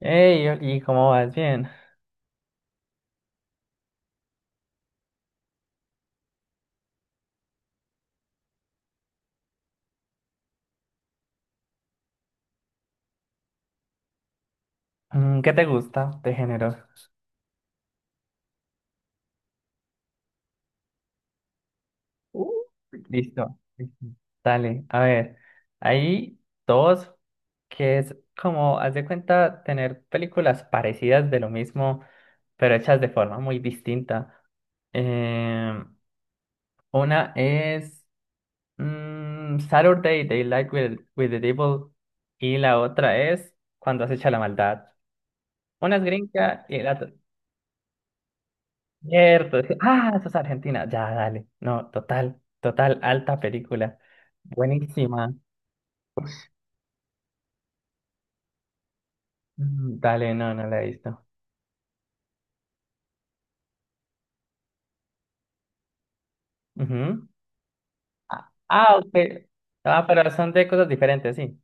Hey, ¿y cómo vas? Bien. ¿Qué te gusta de género? Uh, Listo, listo. Dale, a ver. Hay dos que es como, haz de cuenta, tener películas parecidas de lo mismo, pero hechas de forma muy distinta. Eh, una es Saturday Daylight with the Devil y la otra es Cuando has hecho la maldad. Una es gringa y la otra. Cierto, sí. Ah, eso es Argentina. Ya, dale. No, total, total, alta película. Buenísima. Dale, no, no la he visto. Ujú. Ah, ah, ok. Ah, pero son de cosas diferentes, sí.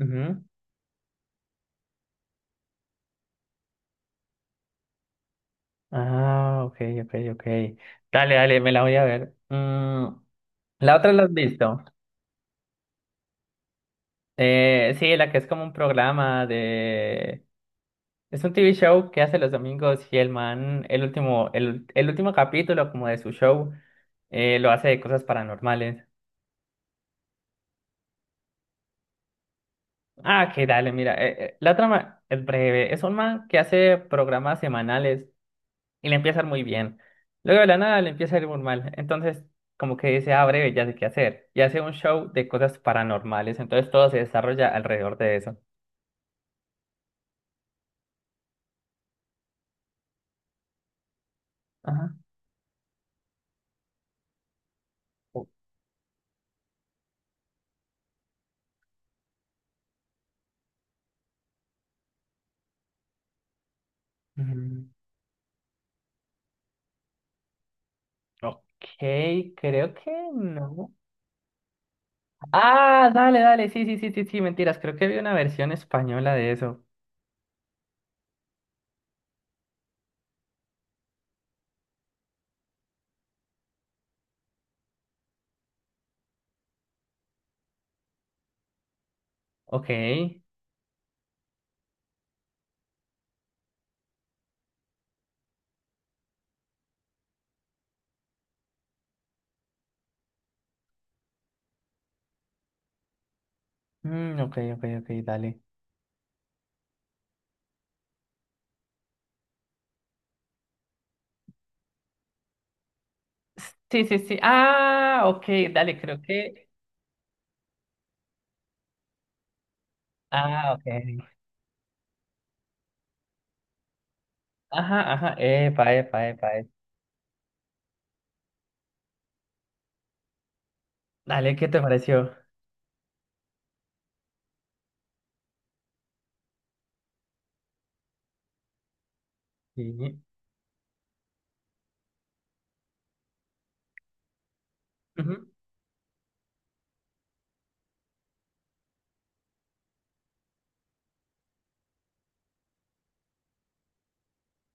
Ujú. Ah, ok, ok, ok. Dale, dale, me la voy a ver. La otra la has visto. Sí, la que es como un programa de. Es un TV show que hace los domingos y el man, el último, el último capítulo como de su show, lo hace de cosas paranormales. Ah, que dale, mira, la trama es breve. Es un man que hace programas semanales y le empieza a ir muy bien. Luego de la nada le empieza a ir muy mal. Entonces, como que dice, ah, breve, ya sé qué hacer. Y hace un show de cosas paranormales. Entonces todo se desarrolla alrededor de eso. Ajá. O- mm, ok, creo que no. Ah, dale, dale, sí, sí, sí, sí, sí, mentiras, creo que vi una versión española de eso. Ok. Ok, ok, ok, dale. Sí, sí, sí. Ah, ok, dale, creo que. Ah, ok. Ajá, ajá. Epa, epa, epa, epa. Dale, ¿qué te pareció? Sí. Ujú.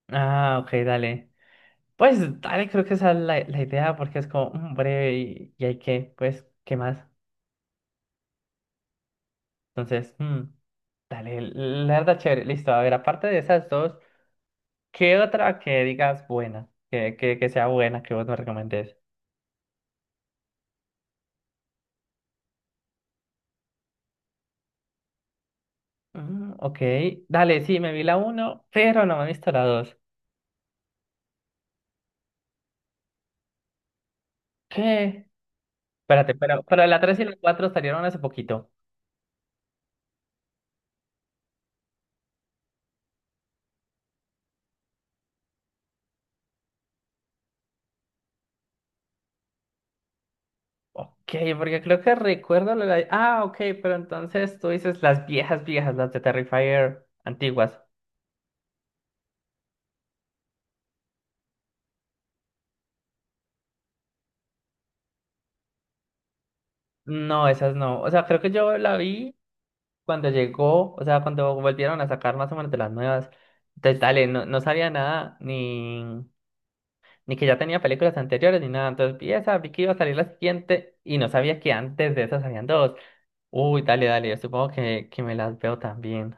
Ah, ok, dale. Pues dale, creo que esa es la, la idea porque es como breve y hay que, pues, ¿qué más? Entonces, dale, la verdad chévere, listo. A ver, aparte de esas dos. ¿Qué otra que digas buena? Que sea buena, que vos me recomendés. Ok, dale, sí, me vi la uno, pero no me he visto la dos. ¿Qué? Espérate, pero la 3 y la 4 salieron hace poquito. Ok, porque creo que recuerdo la... la- Ah, ok, pero entonces tú dices las viejas, viejas, las de Terrifier antiguas. No, esas no. O sea, creo que yo la vi cuando llegó, o sea, cuando volvieron a sacar más o menos de las nuevas. Entonces, dale, no, no sabía nada, ni... ni que ya tenía películas anteriores ni nada. Entonces vi esa, vi que iba a salir la siguiente y no sabía que antes de esas habían dos. Uy, dale, dale, yo supongo que me las veo también.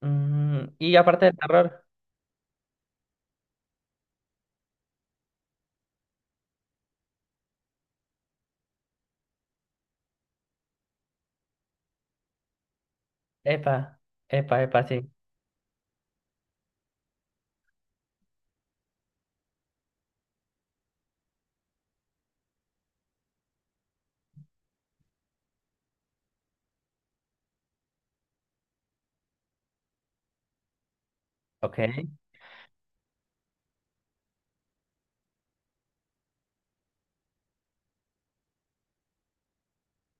Y aparte del terror, epa, epa, epa, sí. Ok.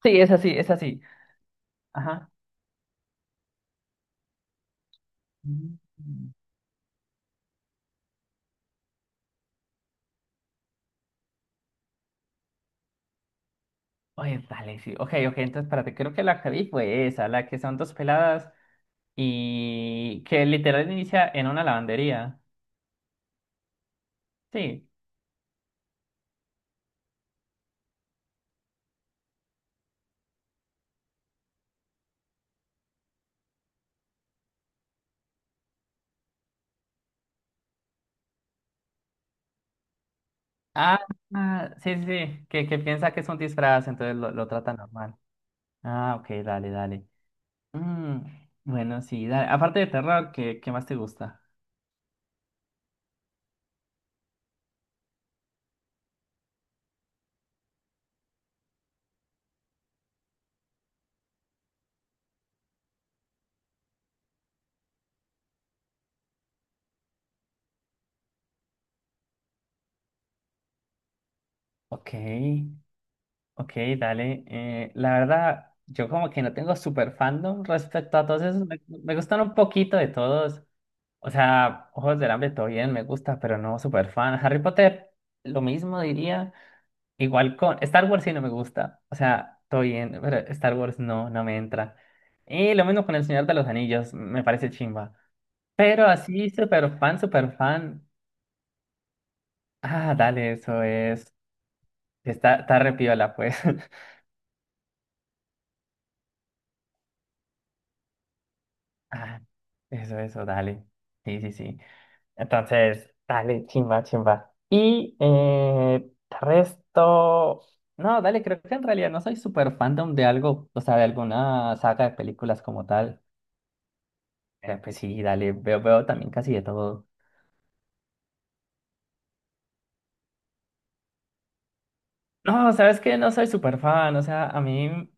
Sí, es así, es así. Ajá. Mm. Oye, dale, sí. Ok, ok, entonces espérate, creo que la que vi fue esa, la que son dos peladas y que literal inicia en una lavandería. Sí. Ah, ah, sí, sí, sí, que piensa que es un disfraz, entonces lo trata normal. Ah, ok, dale, dale. Mm, bueno, sí, dale. Aparte de terror, ¿qué más te gusta? Ok, ok, dale. La verdad, yo como que no tengo super fandom respecto a todos esos. Me gustan un poquito de todos. O sea, Ojos del Hambre, todo bien, me gusta, pero no super fan. Harry Potter, lo mismo diría. Igual con Star Wars sí no me gusta. O sea, todo bien, pero Star Wars no, no me entra. Y lo mismo con El Señor de los Anillos, me parece chimba. Pero así, súper fan, súper fan. Ah, dale, eso es. Está, está re piola, pues. Ah, eso, dale. Sí, sí, sí. Entonces, dale, chimba, chimba. Y resto. No, dale, creo que en realidad no soy súper fandom de algo, o sea, de alguna saga de películas como tal. Pues sí, dale, veo también casi de todo. No, sabes que no soy súper fan, o sea, a mí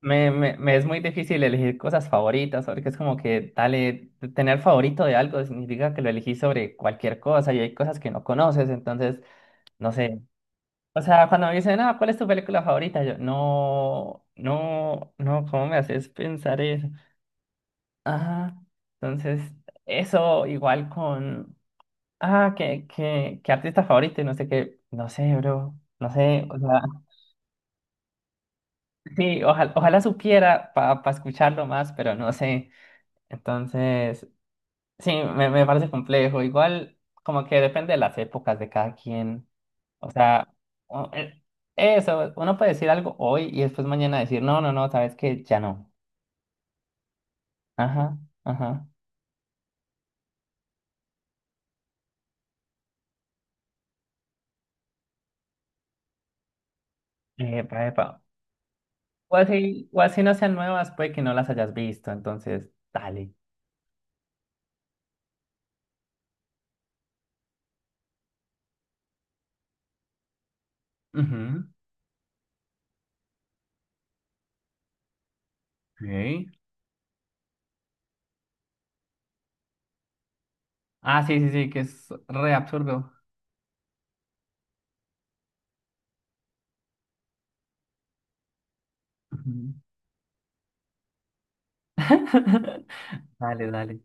me es muy difícil elegir cosas favoritas, porque es como que, dale, t- tener favorito de algo significa que lo elegí sobre cualquier cosa y hay cosas que no conoces, entonces, no sé. O sea, cuando me dicen, ah, ¿cuál es tu película favorita? Yo, no, no, no, ¿cómo me haces pensar eso? Ah, entonces, eso igual con... Ah, que artista favorito y no sé qué. No sé, bro. No sé, o sea, sí, ojalá, ojalá supiera para escucharlo más, pero no sé. Entonces, sí, me parece complejo. Igual, como que depende de las épocas de cada quien. O sea, o- eh, eso, uno puede decir algo hoy y después mañana decir, no, no, no, sabes que ya no. Ajá, ajá. Epa, epa. O así no sean nuevas, puede que no las hayas visto, entonces, dale. Ujú. Ok. Ah, sí, sí, sí, que es re absurdo. Ujú. Dale, dale.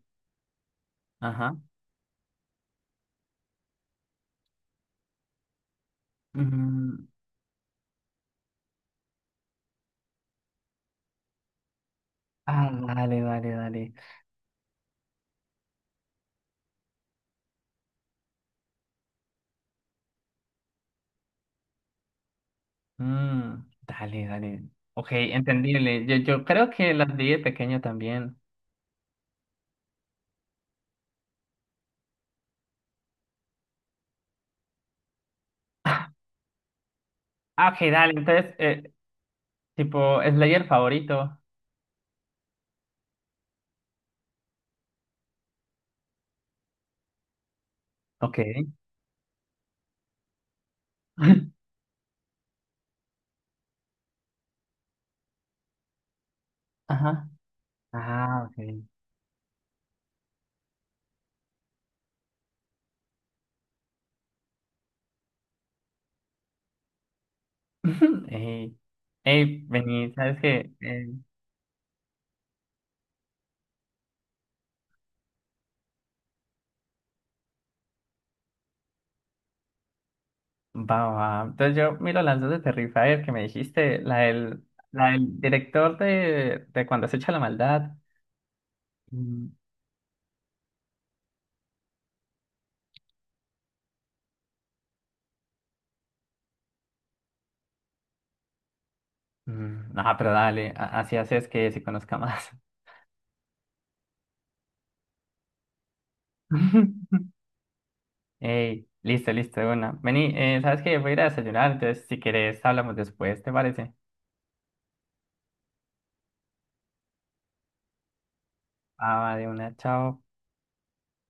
Ajá. Mm, ah, dale, dale, dale. Dale, dale. Ok, entendible. Yo creo que las vi de pequeño también. Ah, ah, ok, dale. Entonces, tipo, Slayer favorito. Ok. Ajá. Ah, ok. Ey, ey, vení, ¿sabes qué? Va, va. Entonces yo miro las dos de Terrifier que me dijiste, la del director de Cuando se echa la maldad. Mm, No, pero dale, a- así haces que se conozca más. Ey, listo, listo, de una. Vení, ¿sabes que voy a ir a desayunar, entonces si querés hablamos después, ¿te parece? Ah, va, de una, chao.